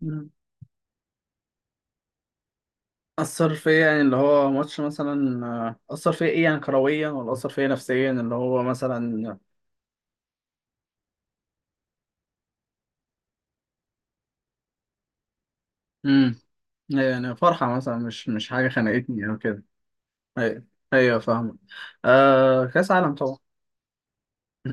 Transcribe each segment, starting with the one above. مم. أثر فيا يعني اللي هو ماتش مثلا أثر فيا إيه، يعني كرويا ولا أثر فيا نفسيا اللي هو مثلا. مم. يعني فرحة مثلا مش حاجة خنقتني أو كده. أيوة، أيوة فاهمة. آه، كأس عالم طبعا.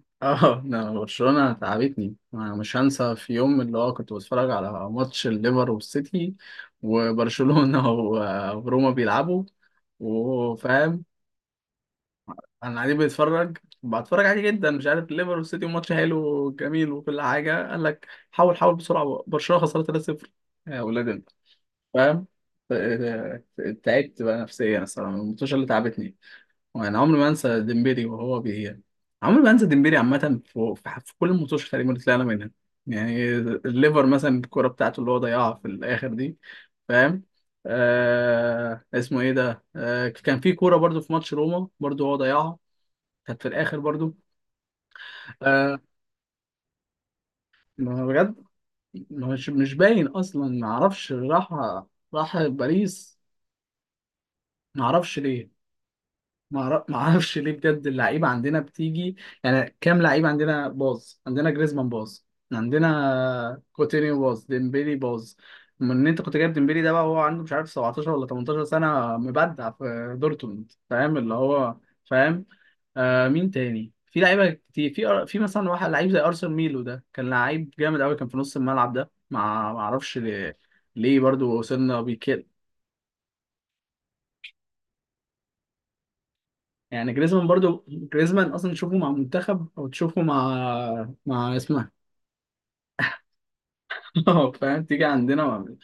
اه لا، برشلونة تعبتني. أنا مش هنسى في يوم اللي هو كنت بتفرج على ماتش الليفر والسيتي وبرشلونة وروما بيلعبوا وفاهم. انا قاعدين بنتفرج، بتفرج عادي جدا، مش عارف. ليفر والسيتي ماتش حلو وجميل وكل حاجه، قال لك حاول حاول بسرعه، برشلونه خسرت 3-0، يا ولاد انت، فاهم. ف- تعبت بقى نفسيا الصراحه من الماتشات اللي تعبتني، وانا عمري ما انسى ديمبيري وهو بي، عمري ما انسى ديمبيري عامه في كل الماتشات تقريبا اللي طلعنا منها. يعني الليفر مثلا الكوره بتاعته اللي هو ضيعها في الاخر دي، فاهم. آه اسمه ايه ده، آه كان في كوره برضو في ماتش روما برضو هو ضيعها، كانت في الاخر برضو. آه، ما هو بجد مش باين اصلا، ما اعرفش راح، راح باريس. ما اعرفش ليه، ما اعرفش ليه بجد، اللعيبه عندنا بتيجي. يعني كام لعيب عندنا باظ؟ عندنا جريزمان باظ، عندنا كوتينيو باظ، ديمبيلي باظ. من ان انت كنت جايب ديمبيلي ده بقى، هو عنده مش عارف 17 ولا 18 سنه، مبدع في دورتموند، فاهم اللي هو، فاهم. آه، مين تاني؟ في لعيبه كتير في مثلا واحد لعيب زي ارسن ميلو ده، كان لعيب جامد قوي، كان في نص الملعب ده، ما اعرفش ليه، ليه برضو وصلنا بيه. يعني جريزمان برضو، جريزمان اصلا تشوفه مع منتخب او تشوفه مع، مع اسمها، فاهم، تيجي عندنا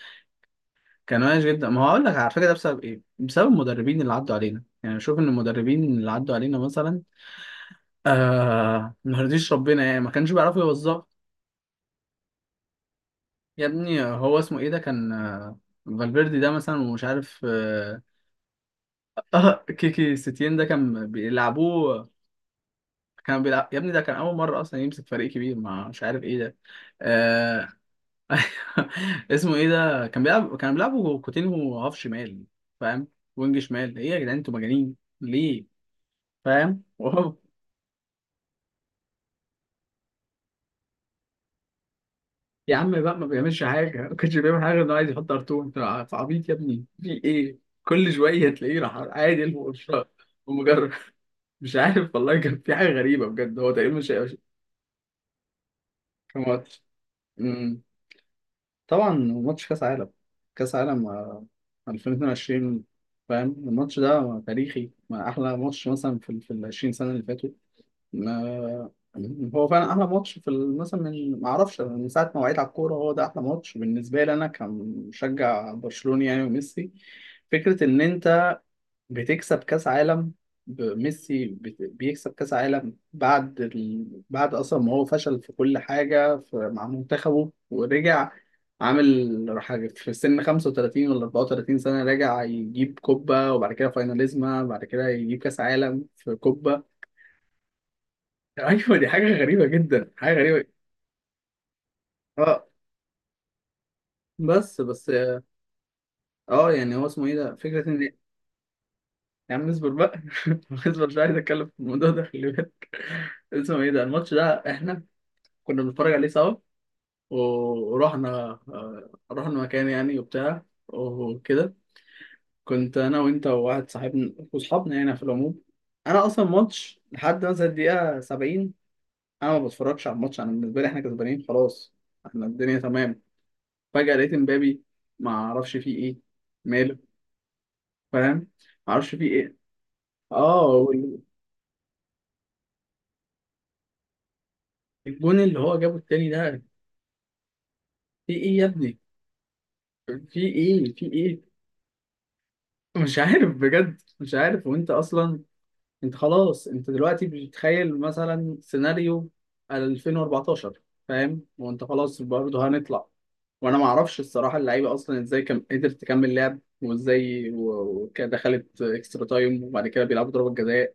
كان وحش جدا. ما هو هقول لك على فكره ده بسبب ايه؟ بسبب المدربين اللي عدوا علينا. يعني شوف ان المدربين اللي عدوا علينا مثلا ما رضيش ربنا، يعني ما كانش بيعرفوا يوظفوا. يا ابني هو اسمه ايه ده، كان فالفيردي ده مثلا، ومش عارف آه، كيكي ستين ده كان بيلعبوه. كان بيلعب يا ابني، ده كان اول مره اصلا يمسك فريق كبير، مع مش عارف ايه ده. آه، اسمه ايه ده، كان بيلعب، كان بيلعبوا كوتينهو هاف شمال، فاهم، وينج شمال، ايه يا جدعان انتوا مجانين ليه؟ فاهم. وهو، يا عم بقى ما بيعملش حاجه، ما كانش بيعمل حاجه غير انه عايز يحط ار2. انت عبيط يا ابني؟ في ايه؟ كل شويه تلاقيه راح عادي الفرشة. ومجرد، مش عارف والله، كان في حاجه غريبه بجد، هو تقريبا مش كان ماتش. طبعا ماتش كاس عالم، كاس عالم 2022، فاهم. الماتش ده تاريخي، ما احلى ماتش مثلا في ال، في ال 20 سنه اللي فاتوا. ما- هو فعلا احلى ماتش مثلا، من ما اعرفش من ساعه ما وعيت على الكوره، هو ده احلى ماتش بالنسبه لي، انا كمشجع برشلوني يعني. وميسي، فكره ان انت بتكسب كاس عالم، ميسي بيكسب كاس عالم بعد ال، بعد اصلا ما هو فشل في كل حاجه في، مع منتخبه، ورجع عامل حاجه في سن 35 ولا 34 سنه، راجع يجيب كوبا، وبعد كده فايناليزما، بعد كده يجيب كاس عالم في كوبا. ايوه دي حاجه غريبه جدا، حاجه غريبه. اه، بس اه، يعني هو اسمه ايه ده، فكره ان. يا عم اصبر بقى، اصبر، مش عايز اتكلم في الموضوع ده خلي بالك. اسمه ايه ده، الماتش ده احنا كنا بنتفرج عليه سوا، ورحنا، رحنا مكان يعني وبتاع وكده، كنت انا وانت وواحد صاحبنا وصحابنا يعني في العموم. انا اصلا ماتش لحد مثلا الدقيقه 70 انا ما بتفرجش على الماتش، انا بالنسبه لي احنا كسبانين خلاص، احنا الدنيا تمام. فجاه لقيت امبابي، ما اعرفش فيه ايه، ماله، فاهم، ما اعرفش فيه ايه. اه، والجون اللي هو جابه التاني ده، في ايه يا ابني، في ايه، في ايه؟ مش عارف بجد، مش عارف. وانت اصلا، انت خلاص، انت دلوقتي بتتخيل مثلا سيناريو 2014، فاهم، وانت خلاص برضه هنطلع. وانا ما اعرفش الصراحه اللعيبه اصلا ازاي قدرت تكمل لعب وازاي وكده، دخلت اكسترا تايم، وبعد كده بيلعبوا ضربه جزاء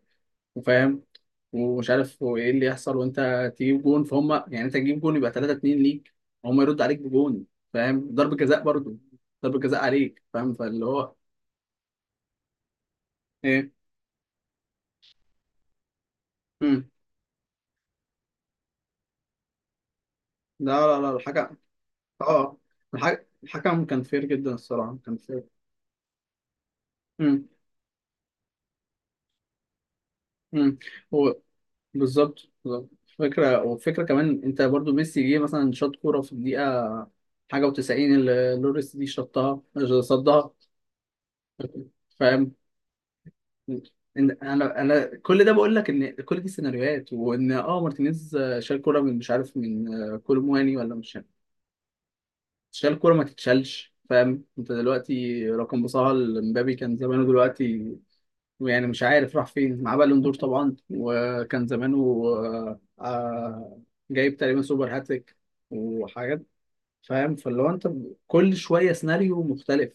وفاهم، ومش عارف هو ايه اللي يحصل. وانت تجيب جون، فهم يعني انت تجيب جون يبقى 3 2 ليك، هم يرد عليك بجون فاهم، ضربه جزاء برضه، ضربه جزاء عليك، فاهم، فاللي هو ايه. مم. لا لا لا، الحكم، اه الحكم كان فير جدا الصراحة، كان فير. امم، امم. هو بالظبط، بالظبط. فكرة، وفكرة كمان، انت برضو ميسي جه مثلا شاط كورة في الدقيقة حاجة و90 اللي لوريس دي شطها، صدها، فاهم. إن انا كل ده بقول لك ان كل دي سيناريوهات. وان اه مارتينيز شال كورة من مش عارف من كولومواني ولا مش عارف. شال كورة ما تتشالش، فاهم. انت دلوقتي رقم، بصها لمبابي كان زمانه دلوقتي، يعني مش عارف راح فين مع بالون دور طبعا، وكان زمانه آه، آه، جايب تقريبا سوبر هاتريك وحاجات، فاهم. فاللي هو انت كل شويه سيناريو مختلف،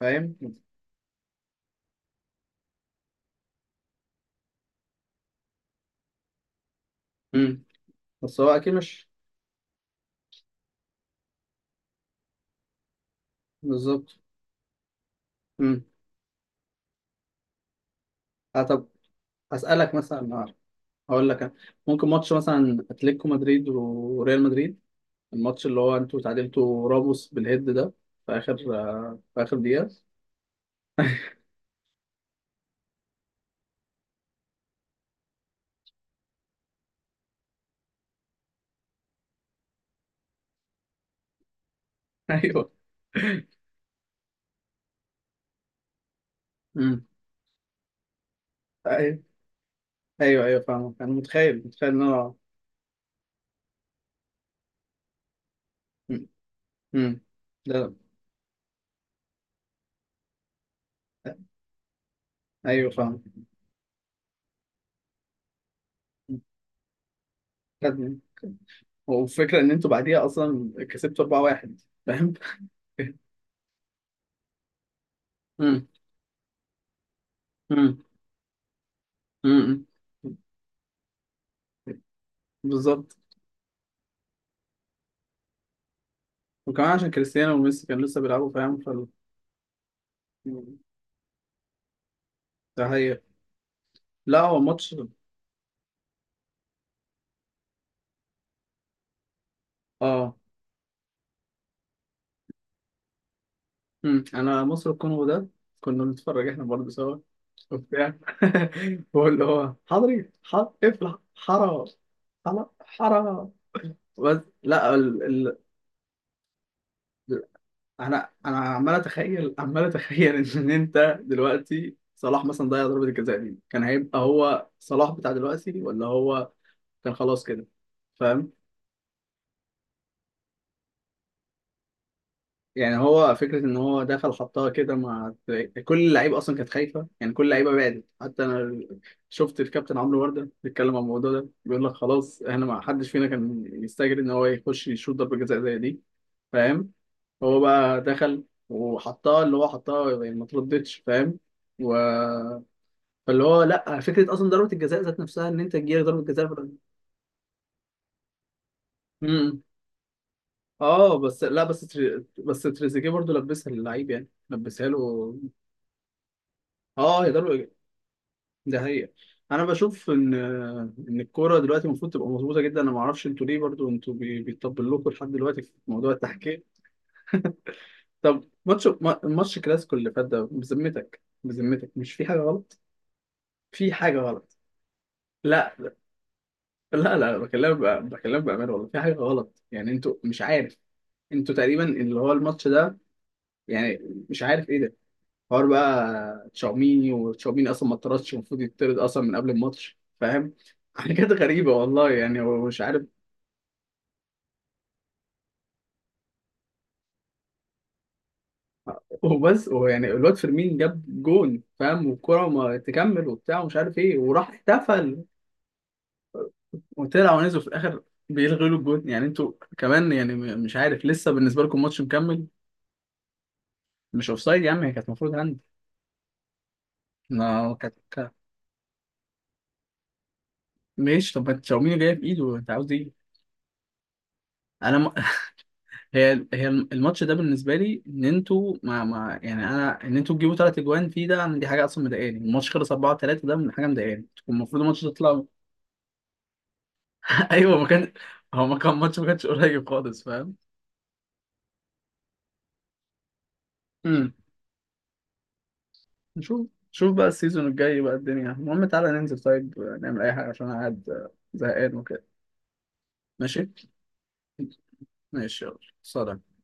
فاهم. امم، بس هو اكيد مش، بالظبط. امم، آه طب اسالك مثلا، هقول لك أنا. ممكن ماتش مثلا اتلتيكو مدريد وريال مدريد، الماتش اللي هو انتوا تعادلتوا راموس بالهيد ده في اخر، في اخر دقيقه. ايوه. امم، ايوه، ايوه فاهمك، انا متخيل، متخيل ان انا. مم. مم. لا، لا. ايوه فاهم. خدني، والفكره ان انتوا بعديها اصلا كسبتوا 4-1، فاهم. مم. مم. مم. مم. بالظبط. وكمان عشان كريستيانو وميسي كانوا لسه بيلعبوا، فاهم فال، ده هي، لا هو ماتش. اه، مم. انا مصر الكونغو ده كنا بنتفرج احنا برضه سوا وبتاع. واللي هو حضري حضري، اقفل حرا، حرا، حرا، بس، لا ال، ال. انا، انا عمال اتخيل، عمال اتخيل، ان انت دلوقتي صلاح مثلا ضيع ضربة الجزاء دي، كان هيبقى هو صلاح بتاع دلوقتي ولا هو كان خلاص كده، فاهم. يعني هو فكرة ان هو دخل حطها كده، مع كل اللعيبة اصلا كانت خايفة، يعني كل اللعيبة بعدت، حتى انا شفت الكابتن عمرو وردة بيتكلم عن الموضوع ده، بيقول لك خلاص احنا ما حدش فينا كان يستجري ان هو يخش يشوط ضربة جزاء زي دي، فاهم. هو بقى دخل وحطها، اللي هو حطها يعني ما تردتش، فاهم. و... فاللي هو لا، فكره اصلا ضربه الجزاء ذات نفسها ان انت تجيلك ضربه جزاء في الأول. امم. اه بس لا، بس تريزيجيه برضو لبسها للعيب، يعني لبسها له. اه هي ضربه، ده هي. انا بشوف ان ان الكوره دلوقتي المفروض تبقى مظبوطه جدا، انا ما اعرفش انتوا ليه برضو انتوا بيطبل لكم لحد دلوقتي في موضوع التحكيم. طب ماتش ما- ماتش كلاسيكو اللي فات ده، بذمتك، بذمتك مش في حاجه غلط، في حاجه غلط. لا لا لا، بكلمك بقى، بكلمك بأمانة والله في حاجة غلط، يعني انتوا مش عارف. انتوا تقريبا اللي هو الماتش ده، يعني مش عارف ايه ده، حوار بقى تشاوميني، وتشاوميني اصلا ما اتطردش، المفروض يتطرد اصلا من قبل الماتش، فاهم، حاجات غريبة والله يعني هو مش عارف. وبس هو يعني الواد فيرمين جاب جون فاهم، والكرة ما تكمل وبتاع، ومش عارف ايه، وراح احتفل، وطلع ونزل في الاخر بيلغوا له الجون، يعني انتوا كمان يعني، مش عارف لسه بالنسبة لكم ماتش مكمل. مش اوفسايد يا عم، هي كانت المفروض، ما هو ماشي طب، ما تشاوميني جايه في ايده، انت عاوز ايه؟ انا م... هي، هي الماتش ده بالنسبه لي، ان انتوا ما ما، يعني انا، ان انتوا تجيبوا 3 اجوان فيه ده، أنا دي حاجه اصلا مضايقاني. الماتش خلص 4 3، ده من حاجه مضايقاني، كان المفروض الماتش ده يطلع. ايوه ما كان، هو ما كان ماتش، ما كانش قريب خالص، فاهم. امم، نشوف، نشوف بقى السيزون الجاي بقى الدنيا، المهم تعالى ننزل، طيب نعمل اي حاجه، عشان انا قاعد زهقان وكده. ماشي، ماشي يلا سلام.